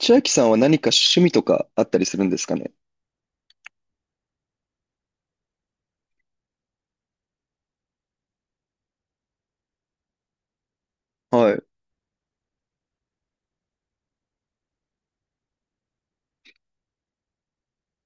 千秋さんは何か趣味とかあったりするんですかね？はい、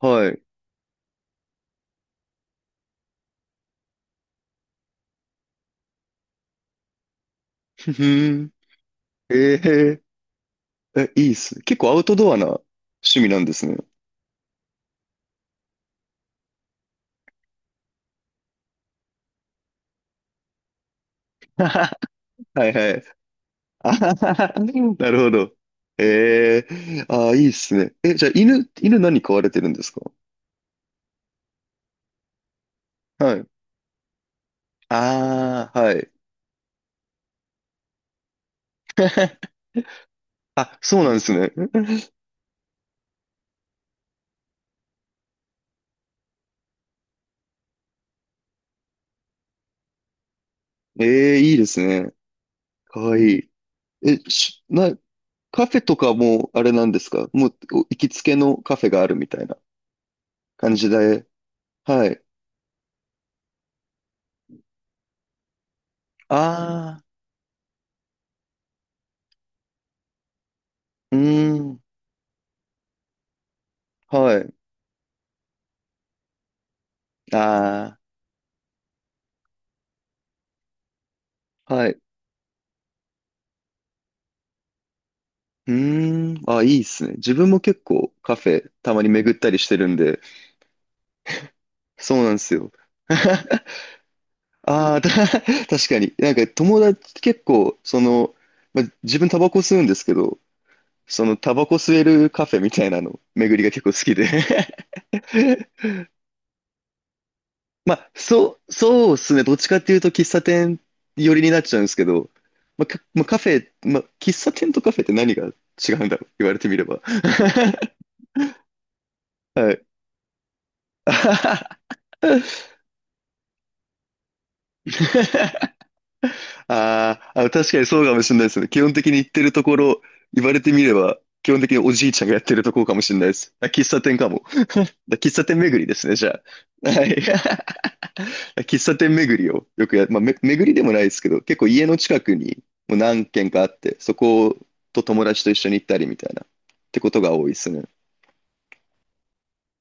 はい。ふふーん。えええ、いいっすね、結構アウトドアな趣味なんですね。はいはい。あははは、なるほど。えーあーいいっすね。え、じゃあ犬何飼われてるんですか？はい。ああ、はい。あ、そうなんですね。ええ、いいですね。かわいい。え、し、な、カフェとかもあれなんですか？もうお行きつけのカフェがあるみたいな、感じで、はい。ああ、うーん、はい。ああ、はい。うーん、あ、いいっすね。自分も結構カフェたまに巡ったりしてるんで、そうなんですよ。ああ、確かに。なんか友達結構、ま自分タバコ吸うんですけど、そのタバコ吸えるカフェみたいなの巡りが結構好きで。 まあ、そうですね。どっちかっていうと喫茶店寄りになっちゃうんですけど、まあ、かまあ、カフェ、まあ、喫茶店とカフェって何が違うんだろう、言われてみれば。はい。あーあ、確かにそうかもしれないですね。基本的に行ってるところ、言われてみれば、基本的におじいちゃんがやってるところかもしれないです。あ、喫茶店かも。喫茶店巡りですね、じゃあ。はい。喫茶店巡りをよくまあ、巡りでもないですけど、結構家の近くにもう何軒かあって、そこと友達と一緒に行ったりみたいな、ってことが多いですね。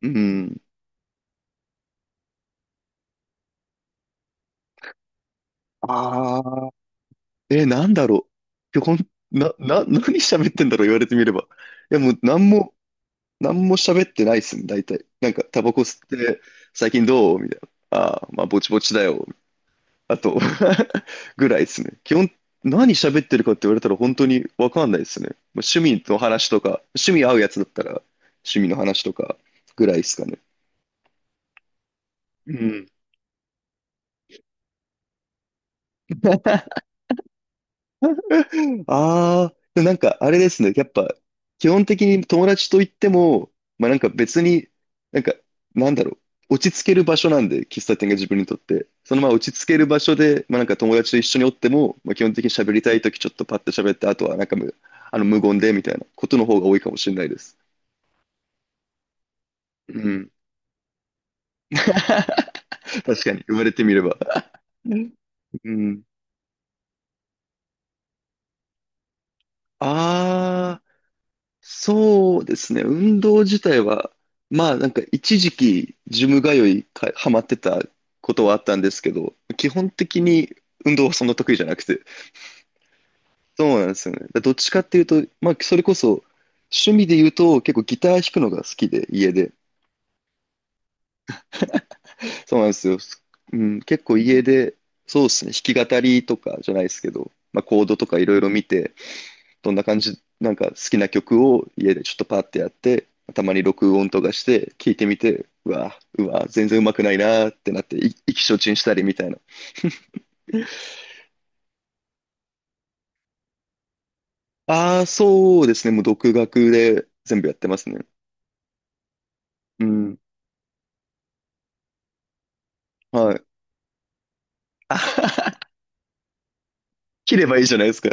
うん。ああ、え、なんだろう。いやほん、な、な、何喋ってんだろう、言われてみれば。いや、もう、何も、何も喋ってないっすね、大体。なんか、タバコ吸って、最近どうみたいな。ああ、まあ、ぼちぼちだよ。あと ぐらいですね。基本、何喋ってるかって言われたら本当にわかんないですね。まあ趣味の話とか、趣味合うやつだったら趣味の話とかぐらいですかね。うん。ああ、でもなんかあれですね。やっぱ、基本的に友達といっても、まあなんか別に、なんか、なんだろう、落ち着ける場所なんで、喫茶店が自分にとって。そのまま落ち着ける場所で、まあなんか友達と一緒におっても、まあ基本的に喋りたいときちょっとパッと喋って、あとはなんかあの無言でみたいなことの方が多いかもしれないです。うん。確かに、言われてみれば。うん。ああ。そうですね。運動自体は、まあなんか一時期ジム通いか、ハマってたことはあったんですけど、基本的に運動はそんな得意じゃなくて。そうなんですよね。だからどっちかっていうと、まあそれこそ趣味で言うと結構ギター弾くのが好きで、家で。そうなんですよ。うん、結構家で、そうですね。弾き語りとかじゃないですけど、まあコードとかいろいろ見て、どんな感じ、なんか好きな曲を家でちょっとパッてやって、たまに録音とかして聞いてみて、うわ、うわ、全然うまくないなーってなって、意気消沈したりみたいな。ああ、そうですね。もう独学で全部やってますね。うん。はい。あはは、切ればいいじゃないですか。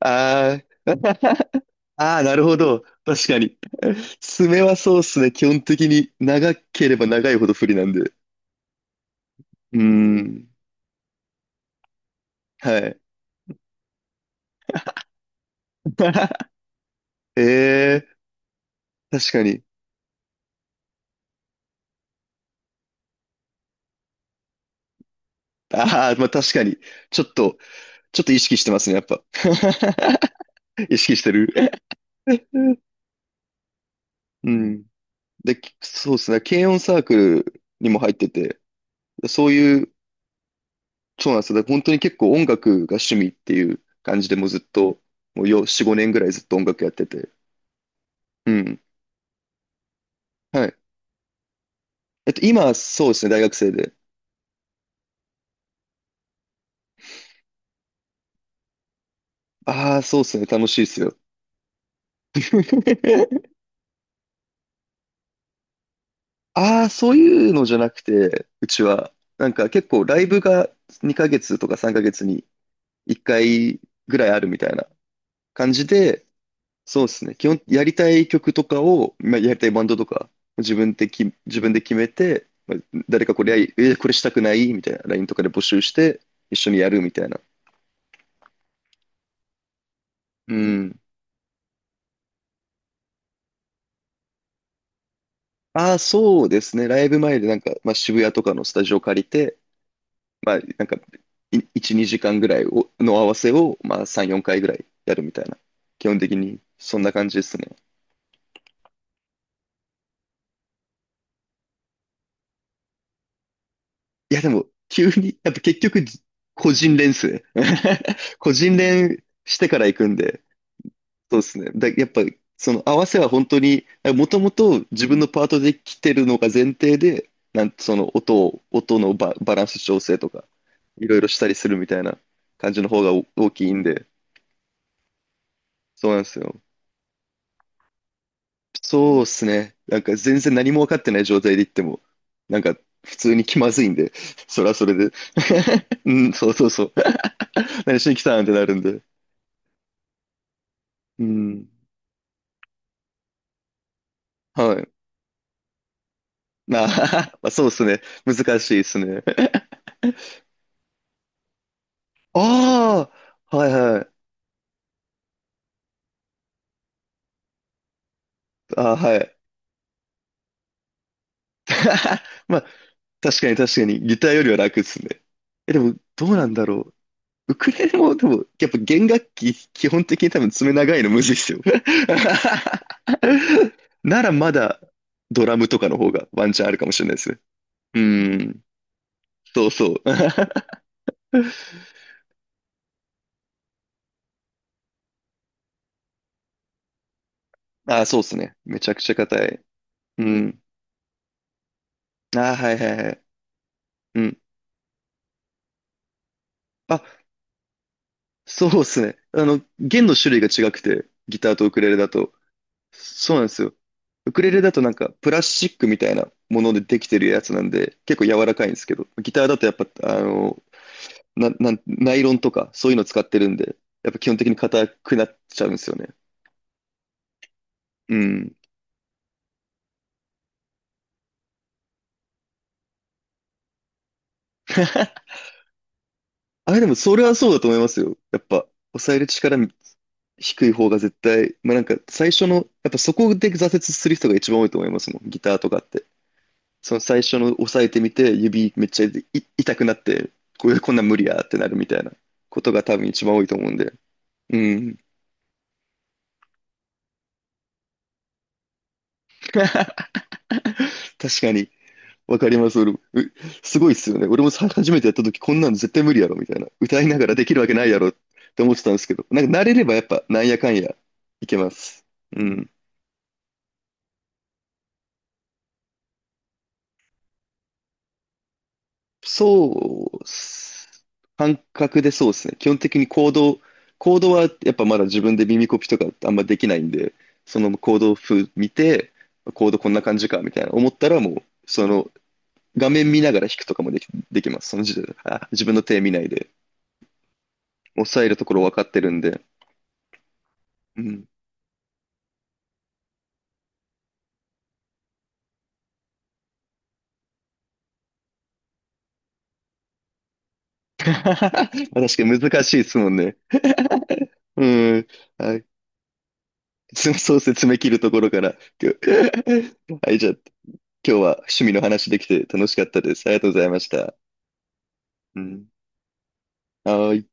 あー あー、なるほど。確かに。爪はそうですね。基本的に長ければ長いほど不利なんで。うーん。はい。ええ、確かに。ああ、まあ確かに。ちょっと、ちょっと意識してますね、やっぱ。意識してる。うん。で、そうですね。軽音サークルにも入ってて、そういう、そうなんですよ。だから本当に結構音楽が趣味っていう感じでもうずっと、もうよ、4、5年ぐらいずっと音楽やってて。うん。はい。今、そうですね、大学生で。ああ、そうですね、楽しいですよ。ああ、そういうのじゃなくて、うちは、なんか結構ライブが2ヶ月とか3ヶ月に1回ぐらいあるみたいな感じで、そうですね。基本、やりたい曲とかを、まあ、やりたいバンドとか、自分で決めて、まあ誰かこれやり、えこれしたくないみたいな、LINE とかで募集して、一緒にやるみたいな。うん。ああ、そうですね。ライブ前でなんか、まあ、渋谷とかのスタジオ借りて、まあ、なんか、1、2時間ぐらいをの合わせを、まあ、3、4回ぐらいやるみたいな。基本的に、そんな感じですね。いや、でも、急に、やっぱ結局、個人練っすね。個人練してから行くんで、そうですね。やっぱ、その合わせは本当に、もともと自分のパートで来てるのが前提で、その音のバランス調整とか、いろいろしたりするみたいな感じの方が大きいんで、そうなんですよ。そうですね。なんか全然何も分かってない状態で行っても、なんか普通に気まずいんで、それはそれで。うん、そうそうそう。何しに来たんってなるんで。うん。はい。まあ、まあ、そうですね。難しいですね。ああ、はいはい。あーはい。まあ、確かに確かに、ギターよりは楽ですね。え、でも、どうなんだろう。ウクレレも、でも、やっぱ弦楽器、基本的に多分爪長いのむずいっすよ。ならまだ、ドラムとかの方がワンチャンあるかもしれないですね。うん。そうそう。あーそうですね。めちゃくちゃ硬い。うん。ああ、はいはいはい。うん。あ、そうっすね。弦の種類が違くて、ギターとウクレレだと。そうなんですよ。ウクレレだとなんかプラスチックみたいなものでできてるやつなんで、結構柔らかいんですけど、ギターだとやっぱ、あの、な、なん、ナイロンとかそういうの使ってるんで、やっぱ基本的に硬くなっちゃうんですよね。うん。あれでもそれはそうだと思いますよ。やっぱ、抑える力低い方が絶対、まあなんか最初の、やっぱそこで挫折する人が一番多いと思いますもん、ギターとかって。その最初の押さえてみて、指めっちゃ痛くなって、これこんなん無理やってなるみたいなことが多分一番多いと思うんで。うん。確かに。わかります。俺もうすごいっすよね。俺もさ初めてやった時、こんなの絶対無理やろ、みたいな。歌いながらできるわけないやろって思ってたんですけど、なんか慣れればやっぱ、なんやかんや、いけます。うん。そうっす、感覚でそうですね。基本的に行動はやっぱまだ自分で耳コピとかあんまできないんで、その行動風見て、コードこんな感じかみたいな思ったらもう、その画面見ながら弾くとかもできます。その時点で、自分の手見ないで、抑えるところ分かってるんで。うん。確かに難しいですもんね。うん。はい。そうですね、爪切るところから。はい、じゃあ今日は趣味の話できて楽しかったです。ありがとうございました。うん。はーい。